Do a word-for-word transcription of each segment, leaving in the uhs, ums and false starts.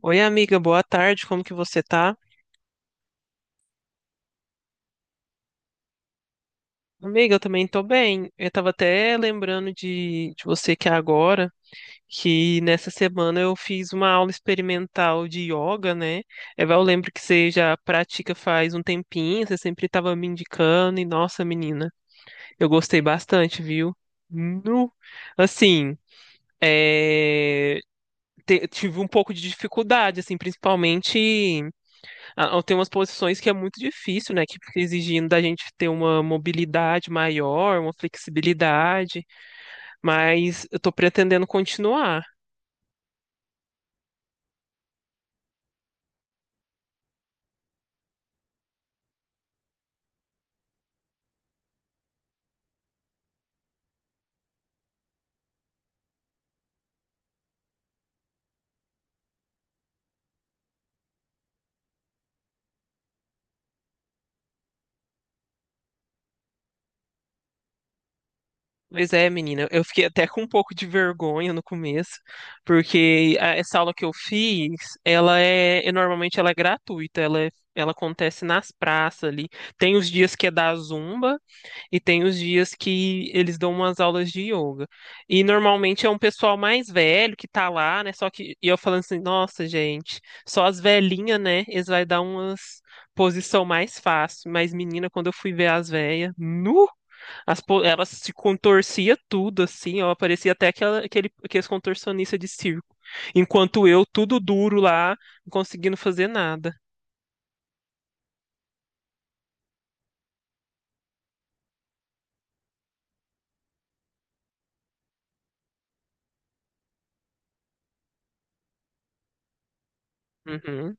Oi, amiga, boa tarde, como que você tá? Amiga, eu também tô bem. Eu tava até lembrando de, de você que é agora, que nessa semana eu fiz uma aula experimental de yoga, né? Eva, eu lembro que você já pratica faz um tempinho, você sempre tava me indicando, e nossa, menina, eu gostei bastante, viu? Nu. Assim, é, te- tive um pouco de dificuldade, assim, principalmente. Ah, ah, Tem umas posições que é muito difícil, né? Que fica exigindo da gente ter uma mobilidade maior, uma flexibilidade, mas eu tô pretendendo continuar. Pois é, menina, eu fiquei até com um pouco de vergonha no começo, porque a- essa aula que eu fiz, ela é, e normalmente ela é gratuita, ela, é- ela acontece nas praças ali. Tem os dias que é da Zumba, e tem os dias que eles dão umas aulas de yoga. E normalmente é um pessoal mais velho que tá lá, né? Só que e eu falando assim, nossa, gente, só as velhinhas, né? Eles vai dar umas posição mais fácil. Mas, menina, quando eu fui ver as velhas, nu, as, po- elas se contorcia tudo, assim, ó. Parecia até aquela, aquele, aqueles contorcionistas de circo. Enquanto eu, tudo duro lá, não conseguindo fazer nada. Uhum.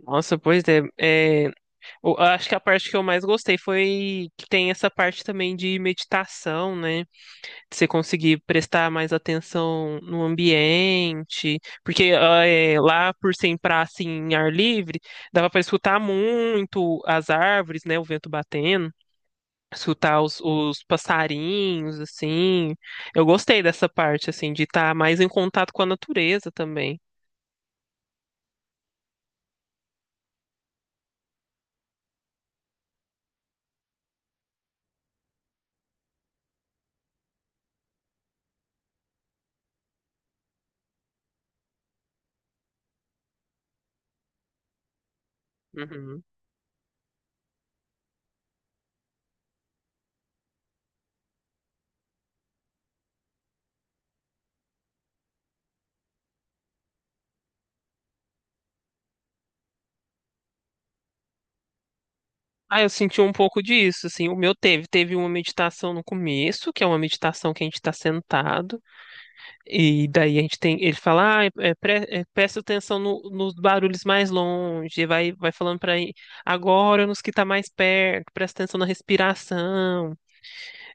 Nossa, pois é, é. O- Acho que a parte que eu mais gostei foi que tem essa parte também de meditação, né? De você conseguir prestar mais atenção no ambiente, porque ah, é, lá por ser em praça em ar livre, dava para escutar muito as árvores, né? O vento batendo, escutar os, os passarinhos, assim. Eu gostei dessa parte, assim, de estar mais em contato com a natureza também. Uhum. Ah, eu senti um pouco disso, assim, o meu teve, teve uma meditação no começo, que é uma meditação que a gente está sentado, e daí a gente tem, ele fala, ah, é, é, pre- é, presta atenção no- nos barulhos mais longe, e vai, vai falando para agora nos que tá mais perto, presta atenção na respiração,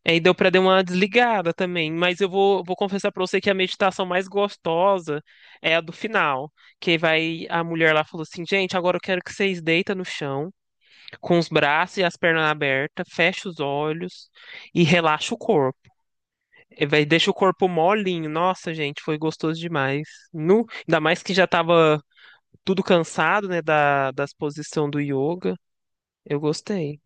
aí deu para dar uma desligada também, mas eu vou, vou confessar para você que a meditação mais gostosa é a do final, que vai, a mulher lá falou assim, gente, agora eu quero que vocês deitem no chão, com os braços e as pernas abertas, fecha os olhos e relaxa o corpo. E vai, deixa o corpo molinho. Nossa, gente, foi gostoso demais. Nu, ainda mais que já tava tudo cansado, né, da, das posições do yoga. Eu gostei.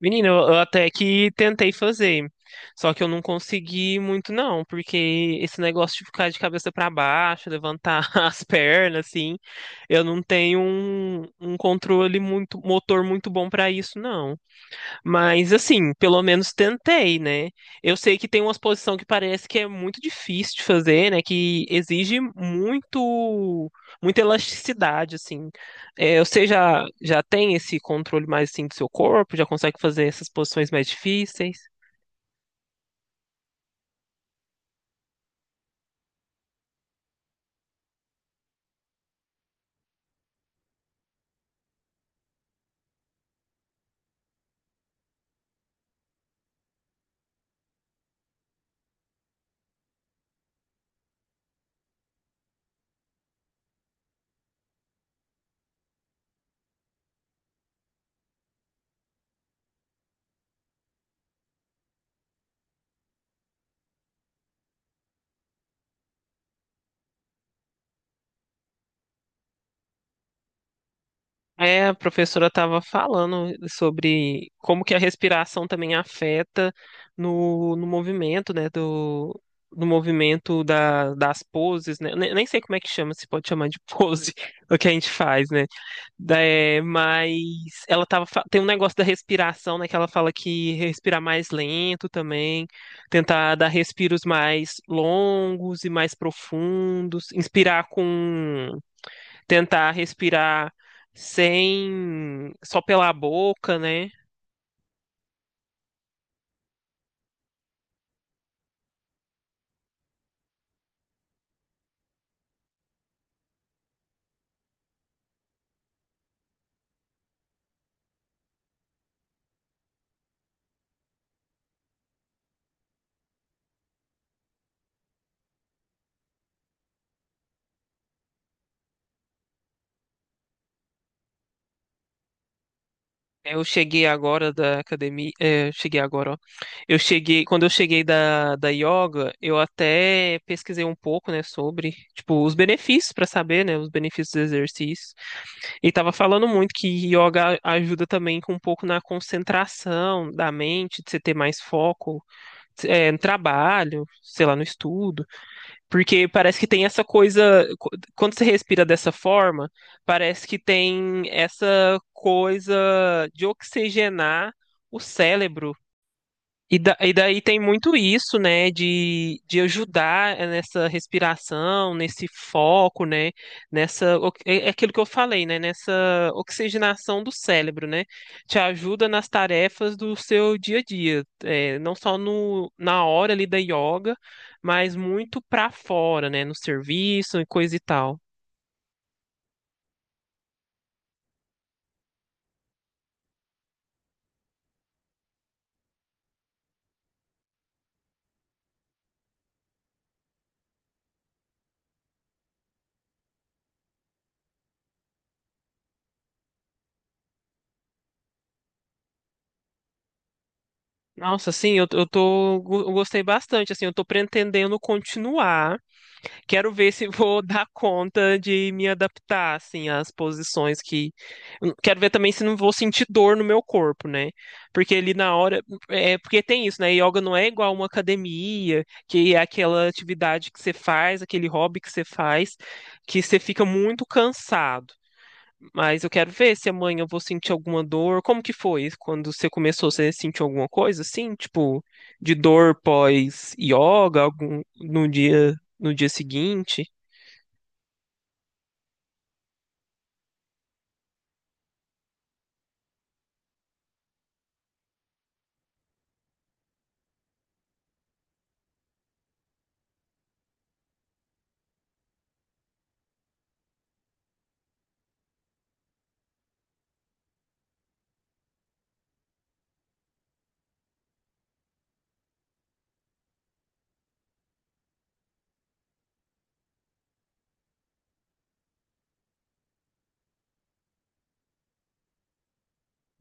Menina, eu, eu até que tentei fazer, só que eu não consegui muito não, porque esse negócio de ficar de cabeça para baixo, levantar as pernas, assim, eu não tenho um, um controle muito, motor muito bom para isso, não. Mas assim, pelo menos tentei, né? Eu sei que tem uma exposição que parece que é muito difícil de fazer, né? Que exige muito, muita elasticidade, assim. É, você já, já tem esse controle mais assim do seu corpo? Já consegue fazer essas posições mais difíceis? É, a professora estava falando sobre como que a respiração também afeta no, no movimento, né, do, do movimento da, das poses, né, nem, nem sei como é que chama, se pode chamar de pose, o que a gente faz, né, Da- é, mas ela tava, fa- tem um negócio da respiração, né, que ela fala que respirar mais lento também, tentar dar respiros mais longos e mais profundos, inspirar com tentar respirar sem só pela boca, né? Eu cheguei agora da academia, é, eu cheguei agora, ó. Eu cheguei, quando eu cheguei da, da yoga, eu até pesquisei um pouco, né, sobre, tipo, os benefícios para saber, né, os benefícios do exercício. E tava falando muito que yoga ajuda também com um pouco na concentração da mente, de você ter mais foco, é, no trabalho, sei lá, no estudo. Porque parece que tem essa coisa. qu- Quando você respira dessa forma, parece que tem essa coisa de oxigenar o cérebro. E, da- e daí tem muito isso, né, de, de ajudar nessa respiração, nesse foco, né, nessa, o- é é aquilo que eu falei, né, nessa oxigenação do cérebro, né, te ajuda nas tarefas do seu dia a dia, é, não só no, na hora ali da yoga, mas muito pra fora, né, no serviço e coisa e tal. Nossa, assim, eu, eu tô, eu gostei bastante, assim, eu tô pretendendo continuar. Quero ver se vou dar conta de me adaptar, assim, às posições que. Quero ver também se não vou sentir dor no meu corpo, né? Porque ali na hora. É, porque tem isso, né? Yoga não é igual uma academia, que é aquela atividade que você faz, aquele hobby que você faz, que você fica muito cansado. Mas eu quero ver se amanhã eu vou sentir alguma dor. Como que foi quando você começou? Você sentiu alguma coisa assim, tipo, de dor pós-yoga, algum no dia no dia seguinte?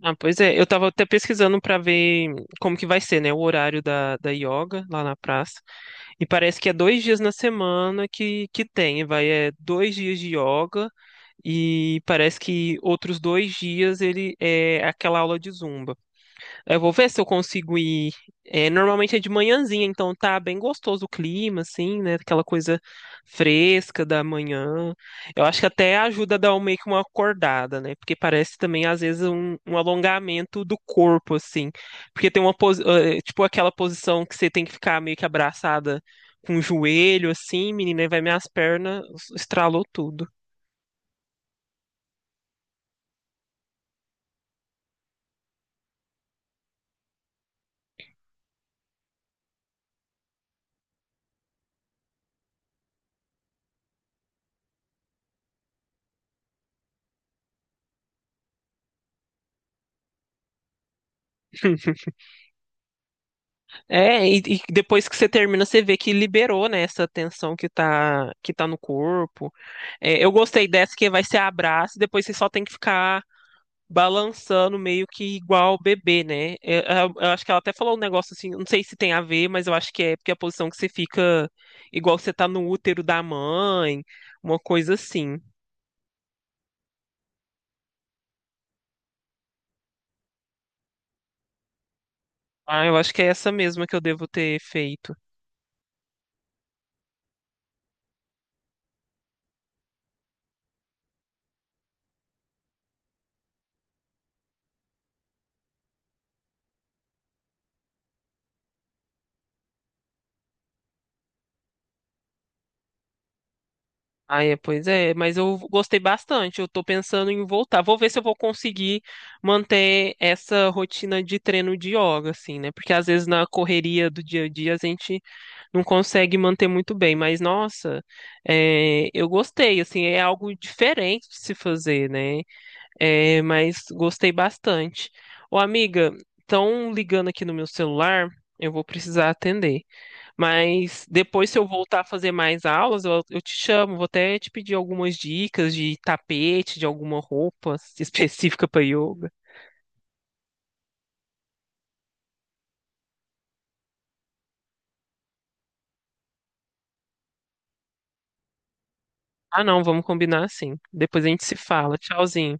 Ah, pois é, eu tava até pesquisando pra ver como que vai ser, né, o horário da, da yoga lá na praça. E parece que é dois dias na semana que, que tem, vai, é dois dias de yoga e parece que outros dois dias ele é aquela aula de zumba. Eu vou ver se eu consigo ir. É, normalmente é de manhãzinha, então tá bem gostoso o clima, assim, né? Aquela coisa fresca da manhã. Eu acho que até ajuda a dar um- meio que uma acordada, né? Porque parece também, às vezes, um, um alongamento do corpo, assim. Porque tem uma posi... eh, tipo aquela posição que você tem que ficar meio que abraçada com o joelho, assim, menina, e vai minhas pernas, estralou tudo. É, e, e depois que você termina, você vê que liberou, né, essa tensão que tá, que tá no corpo. É, eu gostei dessa que vai ser abraço, e depois você só tem que ficar balançando meio que igual o bebê, né? É, Eu, eu acho que ela até falou um negócio assim, não sei se tem a ver, mas eu acho que é porque a posição que você fica igual você tá no útero da mãe, uma coisa assim. Ah, eu acho que é essa mesma que eu devo ter feito. Ah, é, pois é, mas eu gostei bastante. Eu tô pensando em voltar. Vou ver se eu vou conseguir manter essa rotina de treino de yoga, assim, né? Porque às vezes na correria do dia a dia a gente não consegue manter muito bem. Mas nossa, é, eu gostei, assim, é algo diferente de se fazer, né? É, mas gostei bastante. Ô, amiga, estão ligando aqui no meu celular, eu vou precisar atender. Mas depois, se eu voltar a fazer mais aulas, eu, eu te chamo. Vou até te pedir algumas dicas de tapete, de alguma roupa específica para yoga. Ah, não, vamos combinar sim. Depois a gente se fala. Tchauzinho.